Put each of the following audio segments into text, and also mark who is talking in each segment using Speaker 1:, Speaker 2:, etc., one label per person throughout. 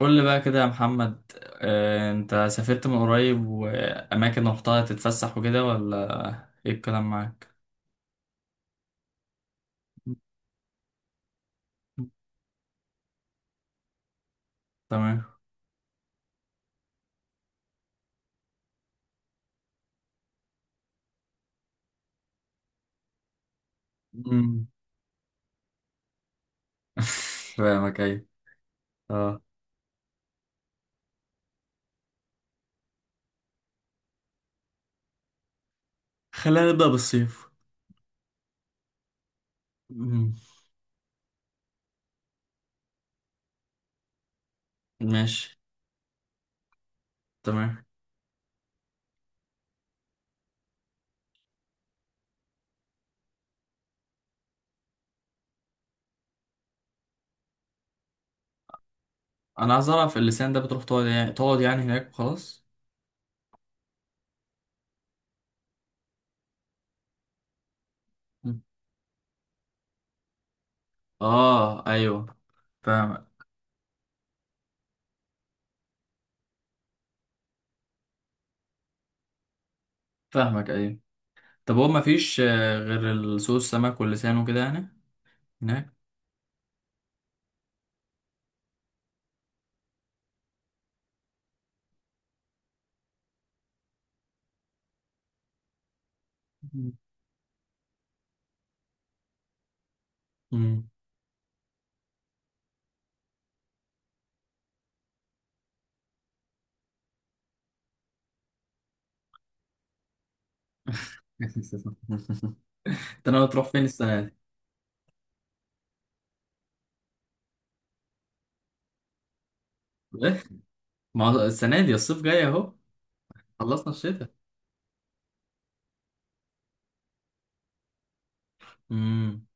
Speaker 1: قول لي بقى كده يا محمد. انت سافرت من قريب واماكن رحتها تتفسح وكده ولا ايه الكلام معاك؟ تمام. مم. فاهمك ايه؟ اه. خلينا نبدأ بالصيف. مم. ماشي. تمام. انا عايز اعرف اللسان ده بتروح تقعد يعني هناك وخلاص؟ مم. اه ايوه، فاهمك. فاهمك ايوه. طب هو مفيش غير سوق السمك واللسان وكده يعني هناك. مم. مم. ده انا تروح فين السنة دي؟ ما هو السنة دي الصيف جاي اهو. خلصنا الشتاء. امم.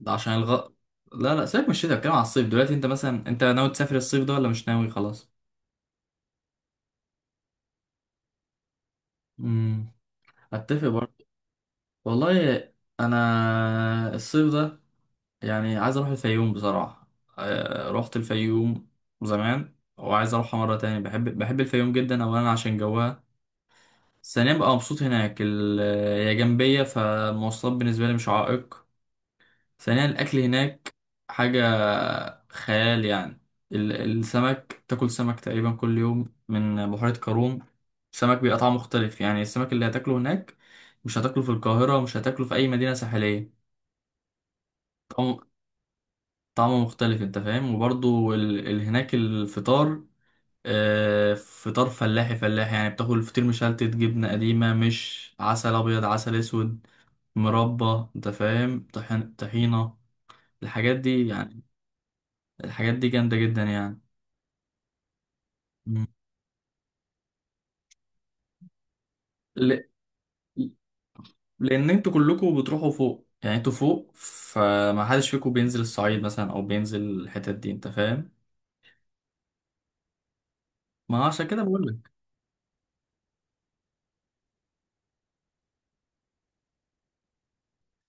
Speaker 1: ده عشان الغ لا لا، سيبك من الشتاء، بتكلم على الصيف دلوقتي. انت مثلا انت ناوي تسافر الصيف ده ولا مش ناوي خلاص؟ امم، اتفق برضه. والله، انا الصيف ده يعني عايز اروح الفيوم بصراحة. رحت الفيوم زمان وعايز اروحها مرة تاني. بحب بحب الفيوم جدا. اولا عشان جوها، ثانيا بقى مبسوط هناك. هي جنبية فالمواصلات بالنسبة لي مش عائق. ثانيا الأكل هناك حاجة خيال يعني. السمك، تاكل سمك تقريبا كل يوم من بحيرة قارون. السمك بيبقى طعمه مختلف، يعني السمك اللي هتاكله هناك مش هتاكله في القاهرة ومش هتاكله في أي مدينة ساحلية. طعمه طعمه مختلف أنت فاهم. وبرضو هناك الفطار، فطار فلاحي. فلاحي يعني بتاكل فطير مشلتت، جبنة قديمة، مش عسل أبيض عسل أسود، مربى أنت فاهم، طحينة. الحاجات دي يعني الحاجات دي جامدة جدا يعني. مم. ل... لأن انتوا كلكم بتروحوا فوق، يعني انتوا فوق فما حدش فيكم بينزل الصعيد مثلا أو بينزل الحتت دي أنت فاهم؟ ما هو عشان كده بقول لك.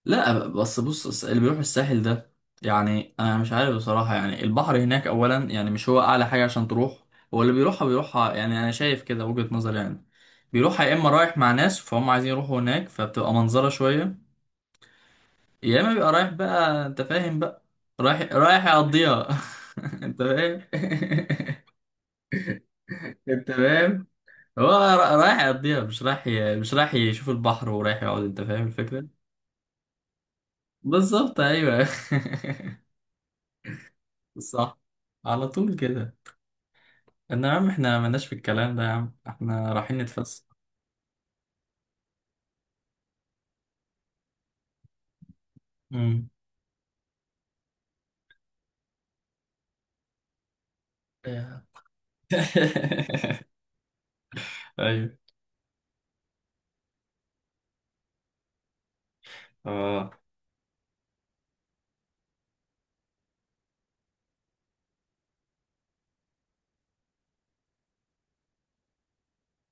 Speaker 1: لا، بس بص اللي بيروح الساحل ده، يعني أنا مش عارف بصراحة. يعني البحر هناك أولا يعني مش هو أعلى حاجة عشان تروح. هو اللي بيروحها بيروحها، يعني أنا شايف كده وجهة نظر يعني. بيروحها يا إما رايح مع ناس فهم عايزين يروحوا هناك فبتبقى منظرة شوية، يا اما بيبقى رايح بقى انت فاهم بقى، رايح رايح يقضيها. انت فاهم. انت فاهم. هو رايح يقضيها، مش رايح يشوف البحر ورايح يقعد. انت فاهم الفكرة؟ بالظبط ايوه. صح، على طول كده. ان يا عم احنا مالناش في الكلام ده، يا عم احنا رايحين نتفسح. امم. إيه. ايوه. اه.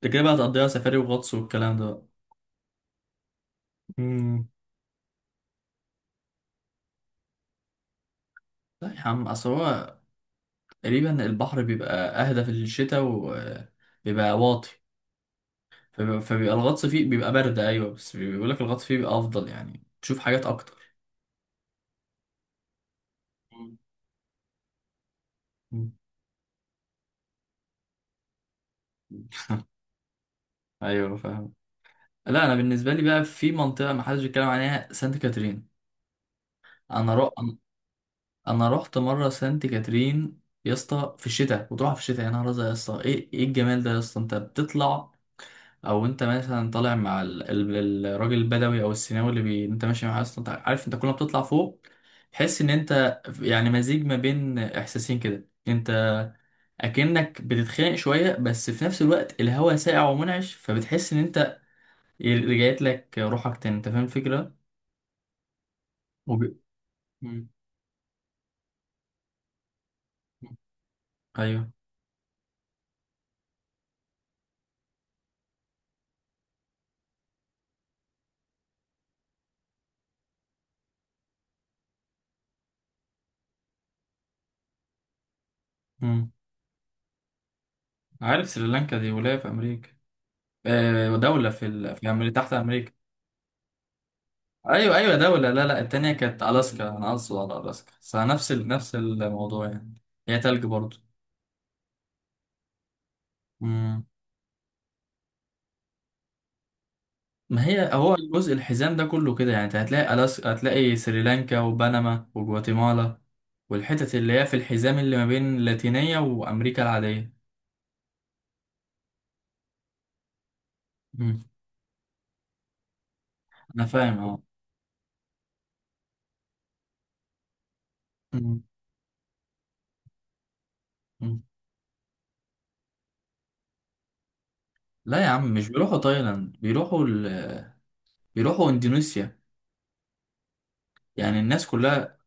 Speaker 1: انت كده بقى تقضيها سفاري وغطس والكلام ده بقى. امم. لا يا عم، اصل هو تقريبا البحر بيبقى اهدى في الشتاء وبيبقى واطي. فبيبقى الغطس فيه بيبقى برد ايوه، بس بيقول لك الغطس فيه بيبقى افضل يعني تشوف حاجات اكتر. مم. مم. ايوه فاهم. لا انا بالنسبه لي بقى في منطقه ما حدش بيتكلم عليها، سانت كاترين. انا رو... انا رحت مره سانت كاترين يا اسطى في الشتاء، وتروح في الشتاء يا نهار ازرق يا اسطى، ايه ايه الجمال ده يا اسطى. انت بتطلع او انت مثلا طالع مع الراجل البدوي او السيناوي اللي انت ماشي معاه اصلا. انت عارف انت كل ما بتطلع فوق تحس ان انت يعني مزيج ما بين احساسين كده. انت اكنك بتتخانق شويه بس في نفس الوقت الهواء ساقع ومنعش، فبتحس ان انت رجعت لك روحك تاني. انت فاهم الفكره. وب... مم. ايوه. مم. عارف سريلانكا دي ولايه في امريكا؟ آه، دولة في أمريكا تحت أمريكا. ايوه ايوه دولة، لا لا التانية كانت الاسكا، انا اقصد على الاسكا بس نفس الموضوع يعني. هي تلج برضو. مم. ما هي هو الجزء الحزام ده كله كده، يعني انت هتلاقي الاسكا هتلاقي سريلانكا وبنما وجواتيمالا والحتت اللي هي في الحزام اللي ما بين اللاتينية وامريكا العادية. مم. انا فاهم اه. مم. مم. لا يا عم مش بيروحوا تايلاند، بيروحوا بيروحوا اندونيسيا يعني الناس كلها.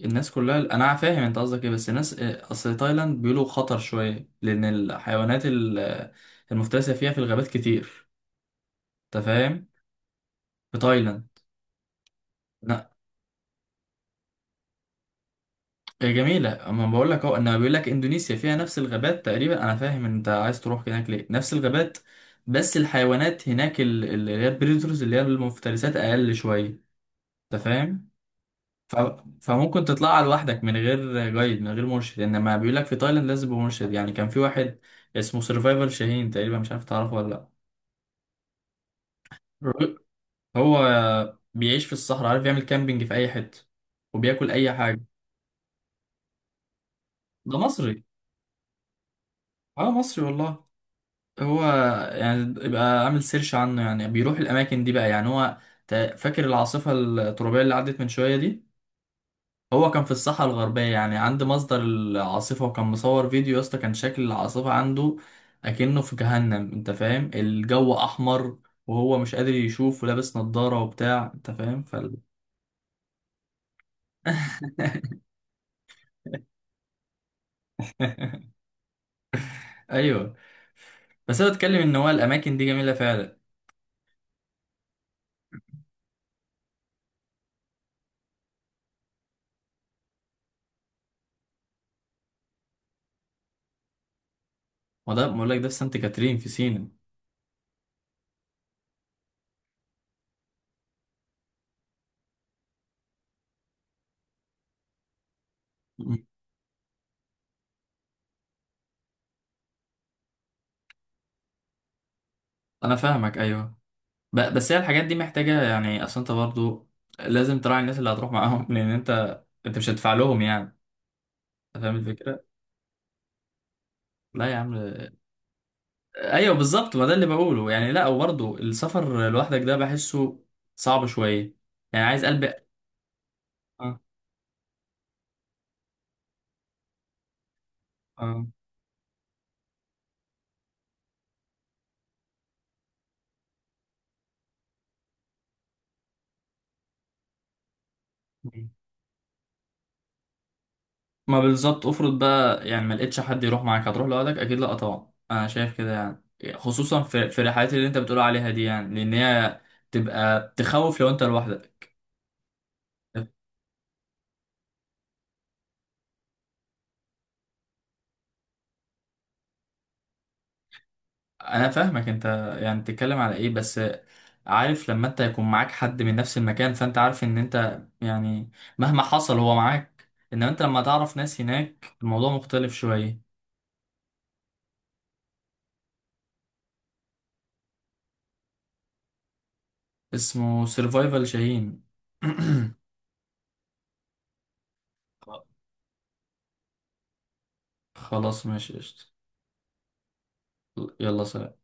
Speaker 1: الناس كلها انا فاهم انت قصدك ايه، بس الناس اصل تايلاند بيقولوا خطر شويه لان الحيوانات المفترسه فيها في الغابات كتير، انت فاهم. في تايلاند. لا، هي جميله اما بقول لك اهو، انا بيقول لك اندونيسيا فيها نفس الغابات تقريبا. انا فاهم انت عايز تروح هناك ليه، نفس الغابات، بس الحيوانات هناك اللي هي البريدرز اللي هي المفترسات اقل شويه، انت فاهم. ف... فممكن تطلعها لوحدك من غير جايد، من غير مرشد، انما بيقول لك في تايلاند لازم يبقى مرشد. يعني كان في واحد اسمه سرفايفل شاهين تقريبا، مش عارف تعرفه ولا لا. الراجل- هو بيعيش في الصحراء، عارف يعمل كامبينج في اي حته وبياكل اي حاجه. ده مصري. اه، مصري والله. هو يعني يبقى عامل سيرش عنه، يعني بيروح الاماكن دي بقى. يعني هو فاكر العاصفه الترابيه اللي عدت من شويه دي؟ هو كان في الساحة الغربية يعني عند مصدر العاصفة، وكان مصور فيديو يا اسطى، كان شكل العاصفة عنده أكنه في جهنم. أنت فاهم، الجو أحمر وهو مش قادر يشوف ولابس نظارة وبتاع. أنت فاهم أيوه. بس أنا بتكلم إن هو الأماكن دي جميلة فعلا. وده بقول لك ده في سانت كاترين في سينا. مم. أنا فاهمك أيوه. بس هي الحاجات دي محتاجة يعني. أصل أنت برضو لازم تراعي الناس اللي هتروح معاهم، لأن أنت أنت مش هتدفع لهم يعني. أنت فاهم الفكرة؟ لا يا عم. ايوه بالظبط، ما ده اللي بقوله يعني. لا، وبرضه السفر لوحدك ده بحسه صعب شويه، يعني عايز قلب. اه. اه. ما بالظبط، افرض بقى يعني ما لقيتش حد يروح معاك هتروح لوحدك؟ اكيد لا طبعا، انا شايف كده يعني خصوصا في الرحلات اللي انت بتقول عليها دي، يعني لان هي تبقى تخوف لو انت لوحدك. انا فاهمك انت يعني بتتكلم على ايه بس. عارف لما انت يكون معاك حد من نفس المكان، فانت عارف ان انت يعني مهما حصل هو معاك. انما انت لما تعرف ناس هناك الموضوع مختلف شوية. اسمه سيرفايفل شاهين. خلاص ماشي قشطة، يلا سلام.